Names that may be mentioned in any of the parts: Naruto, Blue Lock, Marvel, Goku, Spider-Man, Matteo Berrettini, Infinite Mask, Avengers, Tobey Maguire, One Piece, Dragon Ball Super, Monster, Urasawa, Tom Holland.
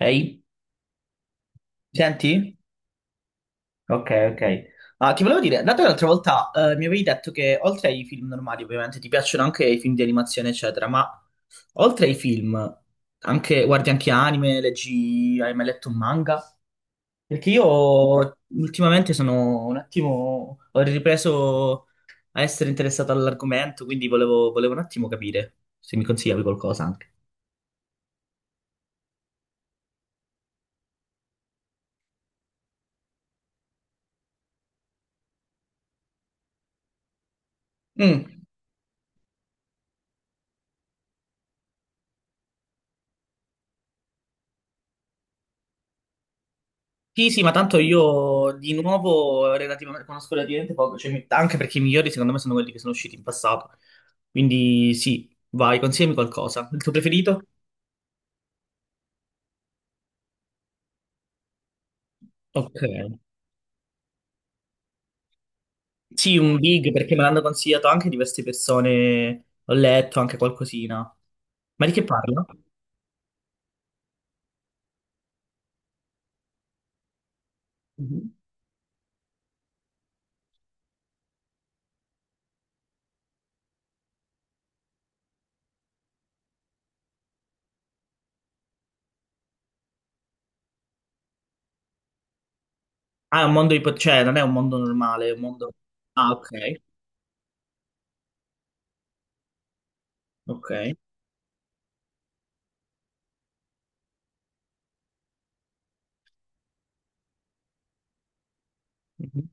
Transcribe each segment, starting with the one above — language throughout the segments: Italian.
Ehi, senti? Ok, ok. Ah, ti volevo dire, dato che l'altra volta mi avevi detto che oltre ai film normali, ovviamente, ti piacciono anche i film di animazione, eccetera, ma oltre ai film, anche, guardi anche anime, leggi, hai mai letto un manga? Perché io ultimamente sono un attimo, ho ripreso a essere interessato all'argomento, quindi volevo un attimo capire se mi consigliavi qualcosa anche. Mm. Sì, sì, ma tanto io di nuovo relativamente, conosco relativamente poco, cioè, anche perché i migliori secondo me sono quelli che sono usciti in passato. Quindi sì, vai, consigliami qualcosa. Il tuo preferito? Ok. Sì, un big perché me l'hanno consigliato anche diverse persone, ho letto anche qualcosina. Ma di che parla? Mhm. Ah, è un mondo cioè non è un mondo normale, è un mondo... Ah, ok, ok. Mhm.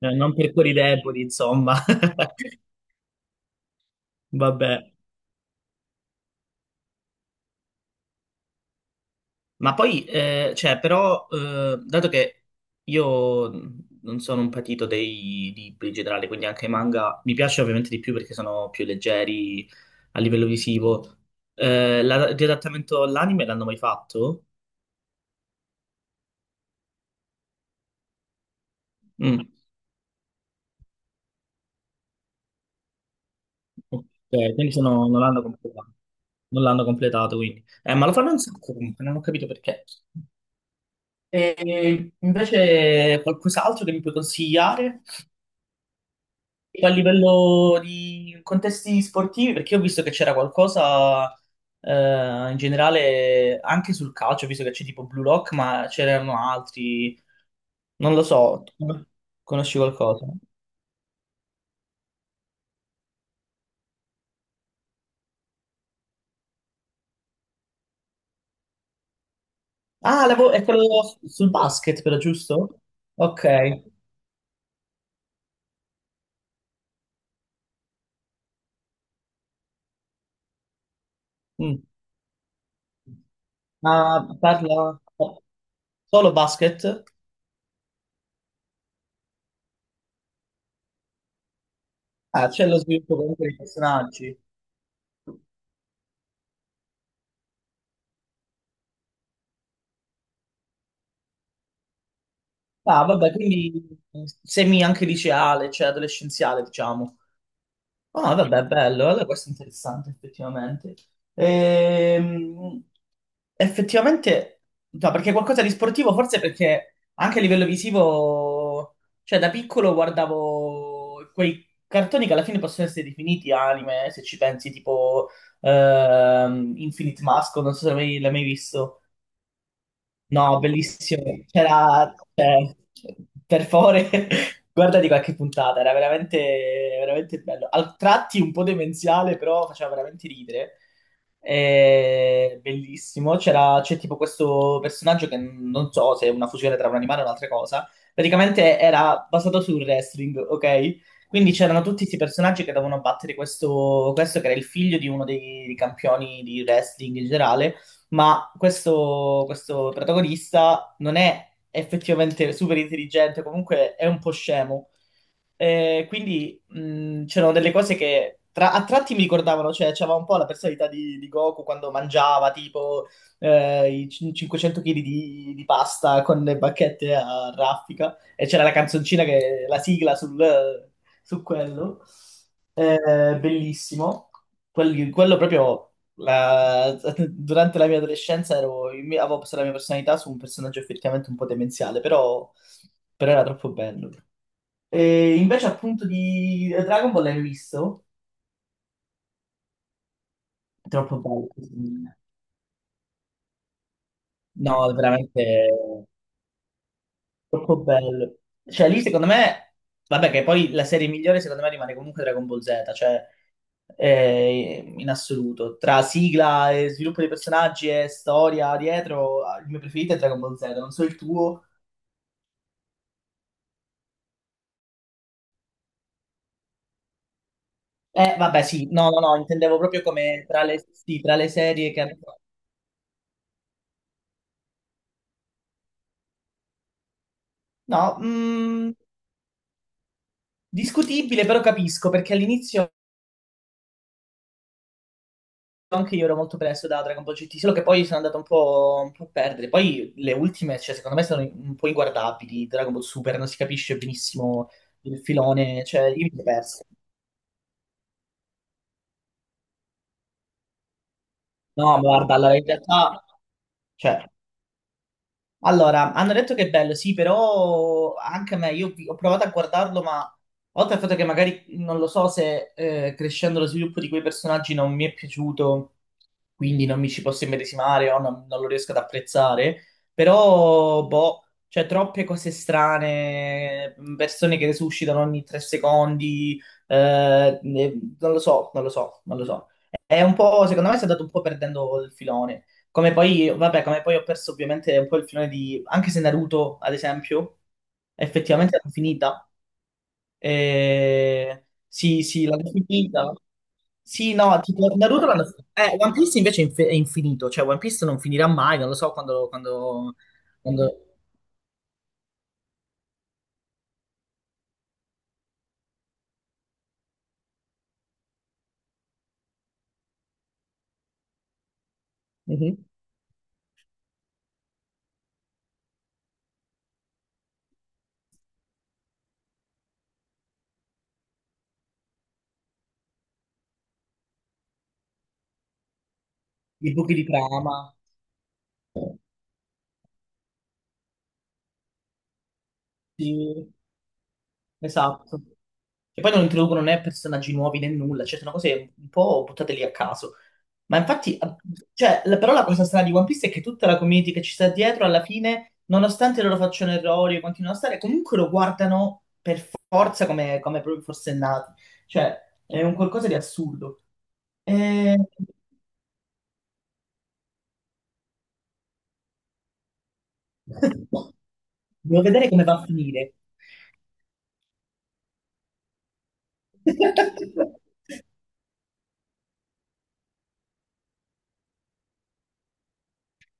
Non per cuori deboli, insomma. Vabbè. Ma poi, cioè, però, dato che io non sono un patito dei libri in generale, quindi anche i manga mi piace ovviamente di più perché sono più leggeri a livello visivo. L'adattamento all'anime l'hanno mai fatto? Mm, ok, quindi non l'hanno completato. Non l'hanno completato, quindi. Ma lo fanno un sacco comunque, non ho capito perché. E invece qualcos'altro che mi puoi consigliare? A livello di contesti sportivi, perché ho visto che c'era qualcosa in generale anche sul calcio, ho visto che c'è tipo Blue Lock, ma c'erano altri, non lo so, tu conosci qualcosa? Ah, è quello sul basket, però, giusto? Ok. Mm. Ma parla solo basket? Ah, c'è lo sviluppo comunque dei personaggi. Ah, vabbè, quindi semi anche liceale, cioè adolescenziale, diciamo. Ah, vabbè, bello, allora questo è interessante effettivamente. Ehm, effettivamente, no, perché qualcosa di sportivo, forse perché anche a livello visivo, cioè da piccolo guardavo quei cartoni che alla fine possono essere definiti anime, se ci pensi, tipo Infinite Mask, non so se l'hai mai visto. No, bellissimo. C'era, cioè, per favore, guardati qualche puntata, era veramente bello. Al tratti un po' demenziale, però faceva veramente ridere. Bellissimo. C'è tipo questo personaggio che non so se è una fusione tra un animale e un'altra cosa. Praticamente era basato sul wrestling, ok? Quindi c'erano tutti questi personaggi che dovevano battere questo che era il figlio di uno dei campioni di wrestling in generale, ma questo protagonista non è effettivamente super intelligente, comunque è un po' scemo. Quindi c'erano delle cose che a tratti mi ricordavano, cioè c'aveva un po' la personalità di Goku quando mangiava tipo i 500 kg di pasta con le bacchette a raffica e c'era la canzoncina che la sigla su quello. Bellissimo. Quello proprio durante la mia adolescenza avevo posto la mia personalità su un personaggio effettivamente un po' demenziale, però, però era troppo bello. E invece appunto di Dragon Ball l'hai visto? Troppo bello. No, veramente troppo bello. Cioè lì secondo me, vabbè che poi la serie migliore secondo me rimane comunque Dragon Ball Z, cioè in assoluto. Tra sigla e sviluppo dei personaggi e storia dietro, il mio preferito è Dragon Ball Z, non so il tuo. Eh vabbè sì, no, no, no, intendevo proprio come tra sì, tra le serie che hanno... No, mm, discutibile però capisco perché all'inizio... anche io ero molto preso da Dragon Ball GT, solo che poi sono andato un un po' a perdere. Poi le ultime, cioè, secondo me, sono un po' inguardabili. Dragon Ball Super non si capisce benissimo il filone, cioè, io mi sono perso. No, ma guarda, allora, in realtà, cioè, allora, hanno detto che è bello, sì, però anche a me, io ho provato a guardarlo, ma oltre al fatto che magari non lo so se crescendo lo sviluppo di quei personaggi non mi è piaciuto, quindi non mi ci posso immedesimare o non lo riesco ad apprezzare, però, boh, c'è troppe cose strane, persone che resuscitano ogni tre secondi, non lo so, non lo so. È un po', secondo me si è andato un po' perdendo il filone. Come poi, vabbè, come poi ho perso ovviamente un po' il filone di... Anche se Naruto, ad esempio, effettivamente l'ho finita. Sì, sì, l'hanno finita. Sì, no, tipo Naruto l'hanno finita. One Piece invece è è infinito, cioè One Piece non finirà mai, non lo so quando... quando, quando... Mhm. I buchi di trama. Sì. Esatto. E poi non introducono né personaggi nuovi né nulla, cioè sono cose un po' buttate lì a caso. Ma infatti, cioè, però la cosa strana di One Piece è che tutta la community che ci sta dietro, alla fine, nonostante loro facciano errori e continuino a stare, comunque lo guardano per forza come, come proprio fosse nati. Cioè, è un qualcosa di assurdo. E... Devo vedere come va a finire.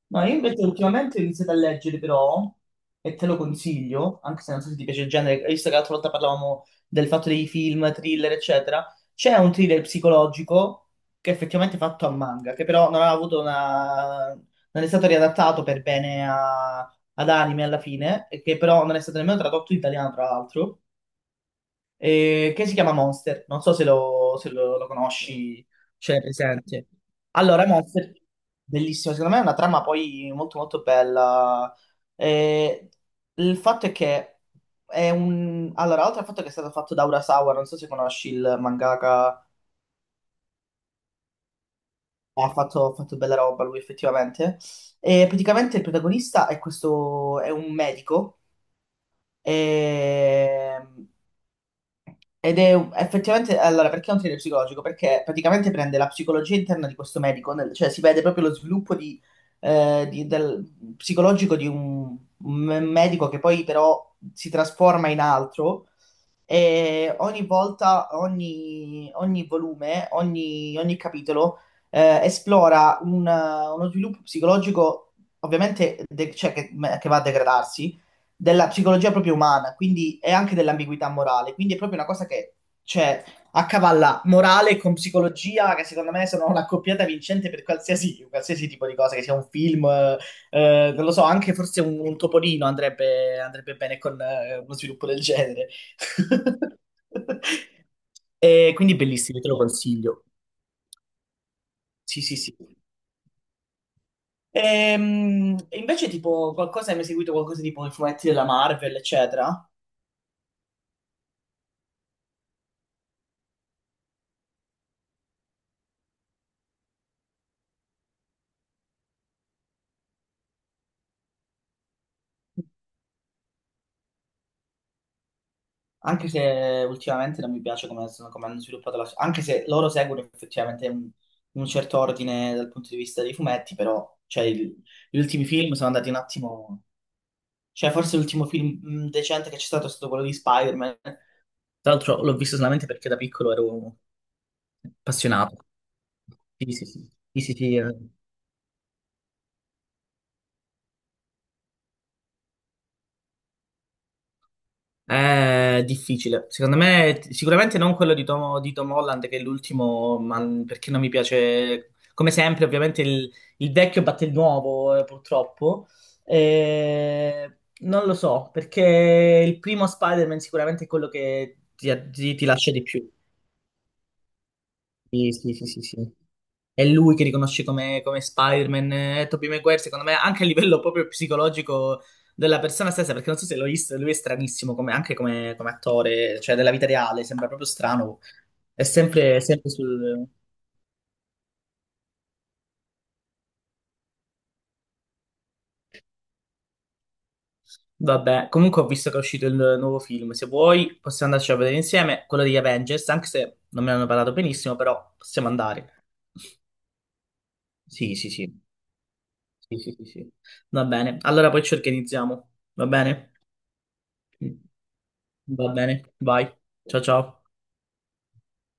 No, io invece ultimamente ho iniziato a leggere però, e te lo consiglio, anche se non so se ti piace il genere, visto che l'altra volta parlavamo del fatto dei film, thriller, eccetera, c'è un thriller psicologico che è effettivamente fatto a manga, che però non ha avuto una... non è stato riadattato per bene ad anime alla fine, e che però non è stato nemmeno tradotto in italiano, tra l'altro che si chiama Monster. Non so se lo, se lo- lo conosci, ce l'hai presente. Allora, Monster, bellissimo, secondo me è una trama poi molto molto bella. Eh, il fatto è che è un... Allora, oltre al fatto che è stato fatto da Urasawa, non so se conosci il mangaka, ha fatto bella roba lui effettivamente. E praticamente il protagonista è è un medico. Ehm, Ed è effettivamente, allora, perché è un thriller psicologico? Perché praticamente prende la psicologia interna di questo medico, cioè si vede proprio lo sviluppo di, eh, di- del- psicologico di un medico che poi però si trasforma in altro e ogni volta, ogni volume, ogni capitolo esplora uno sviluppo psicologico, ovviamente, cioè che va a degradarsi, della psicologia proprio umana, quindi e anche dell'ambiguità morale. Quindi è proprio una cosa che cioè, accavalla morale con psicologia, che secondo me sono una coppiata vincente per qualsiasi, qualsiasi tipo di cosa, che sia un film, non lo so, anche forse un topolino andrebbe bene con uno sviluppo del genere. E quindi bellissimi, te lo consiglio. Sì, sì, sì. E, invece, tipo, qualcosa hai mai seguito qualcosa tipo i fumetti della Marvel, eccetera? Anche se ultimamente non mi piace come, come hanno sviluppato la. Anche se loro seguono effettivamente un certo ordine dal punto di vista dei fumetti, però cioè, gli ultimi film sono andati un attimo. Cioè, forse l'ultimo film decente che c'è stato è stato quello di Spider-Man. Tra l'altro l'ho visto solamente perché da piccolo ero appassionato. Sì, sì, sì, sì, sì, sì, eh. È difficile. Secondo me, sicuramente non quello di di Tom Holland, che è l'ultimo, ma perché non mi piace. Come sempre, ovviamente, il vecchio batte il nuovo, purtroppo. Eh, non lo so, perché il primo Spider-Man sicuramente è quello che ti lascia di più. Sì, sì, sì, sì, sì. È lui che riconosce come, come Spider-Man, è Tobey Maguire, secondo me, anche a livello proprio psicologico della persona stessa, perché non so se l'ho visto, lui è stranissimo anche come, come attore, cioè della vita reale, sembra proprio strano. È sempre, sempre sul... Vabbè, comunque ho visto che è uscito il nuovo film, se vuoi possiamo andarci a vedere insieme, quello degli Avengers, anche se non me ne hanno parlato benissimo, però possiamo andare. Sì, sì, sì, sì, sì, sì, sì. Va bene, allora poi ci organizziamo, va bene? Va bene, vai, ciao ciao.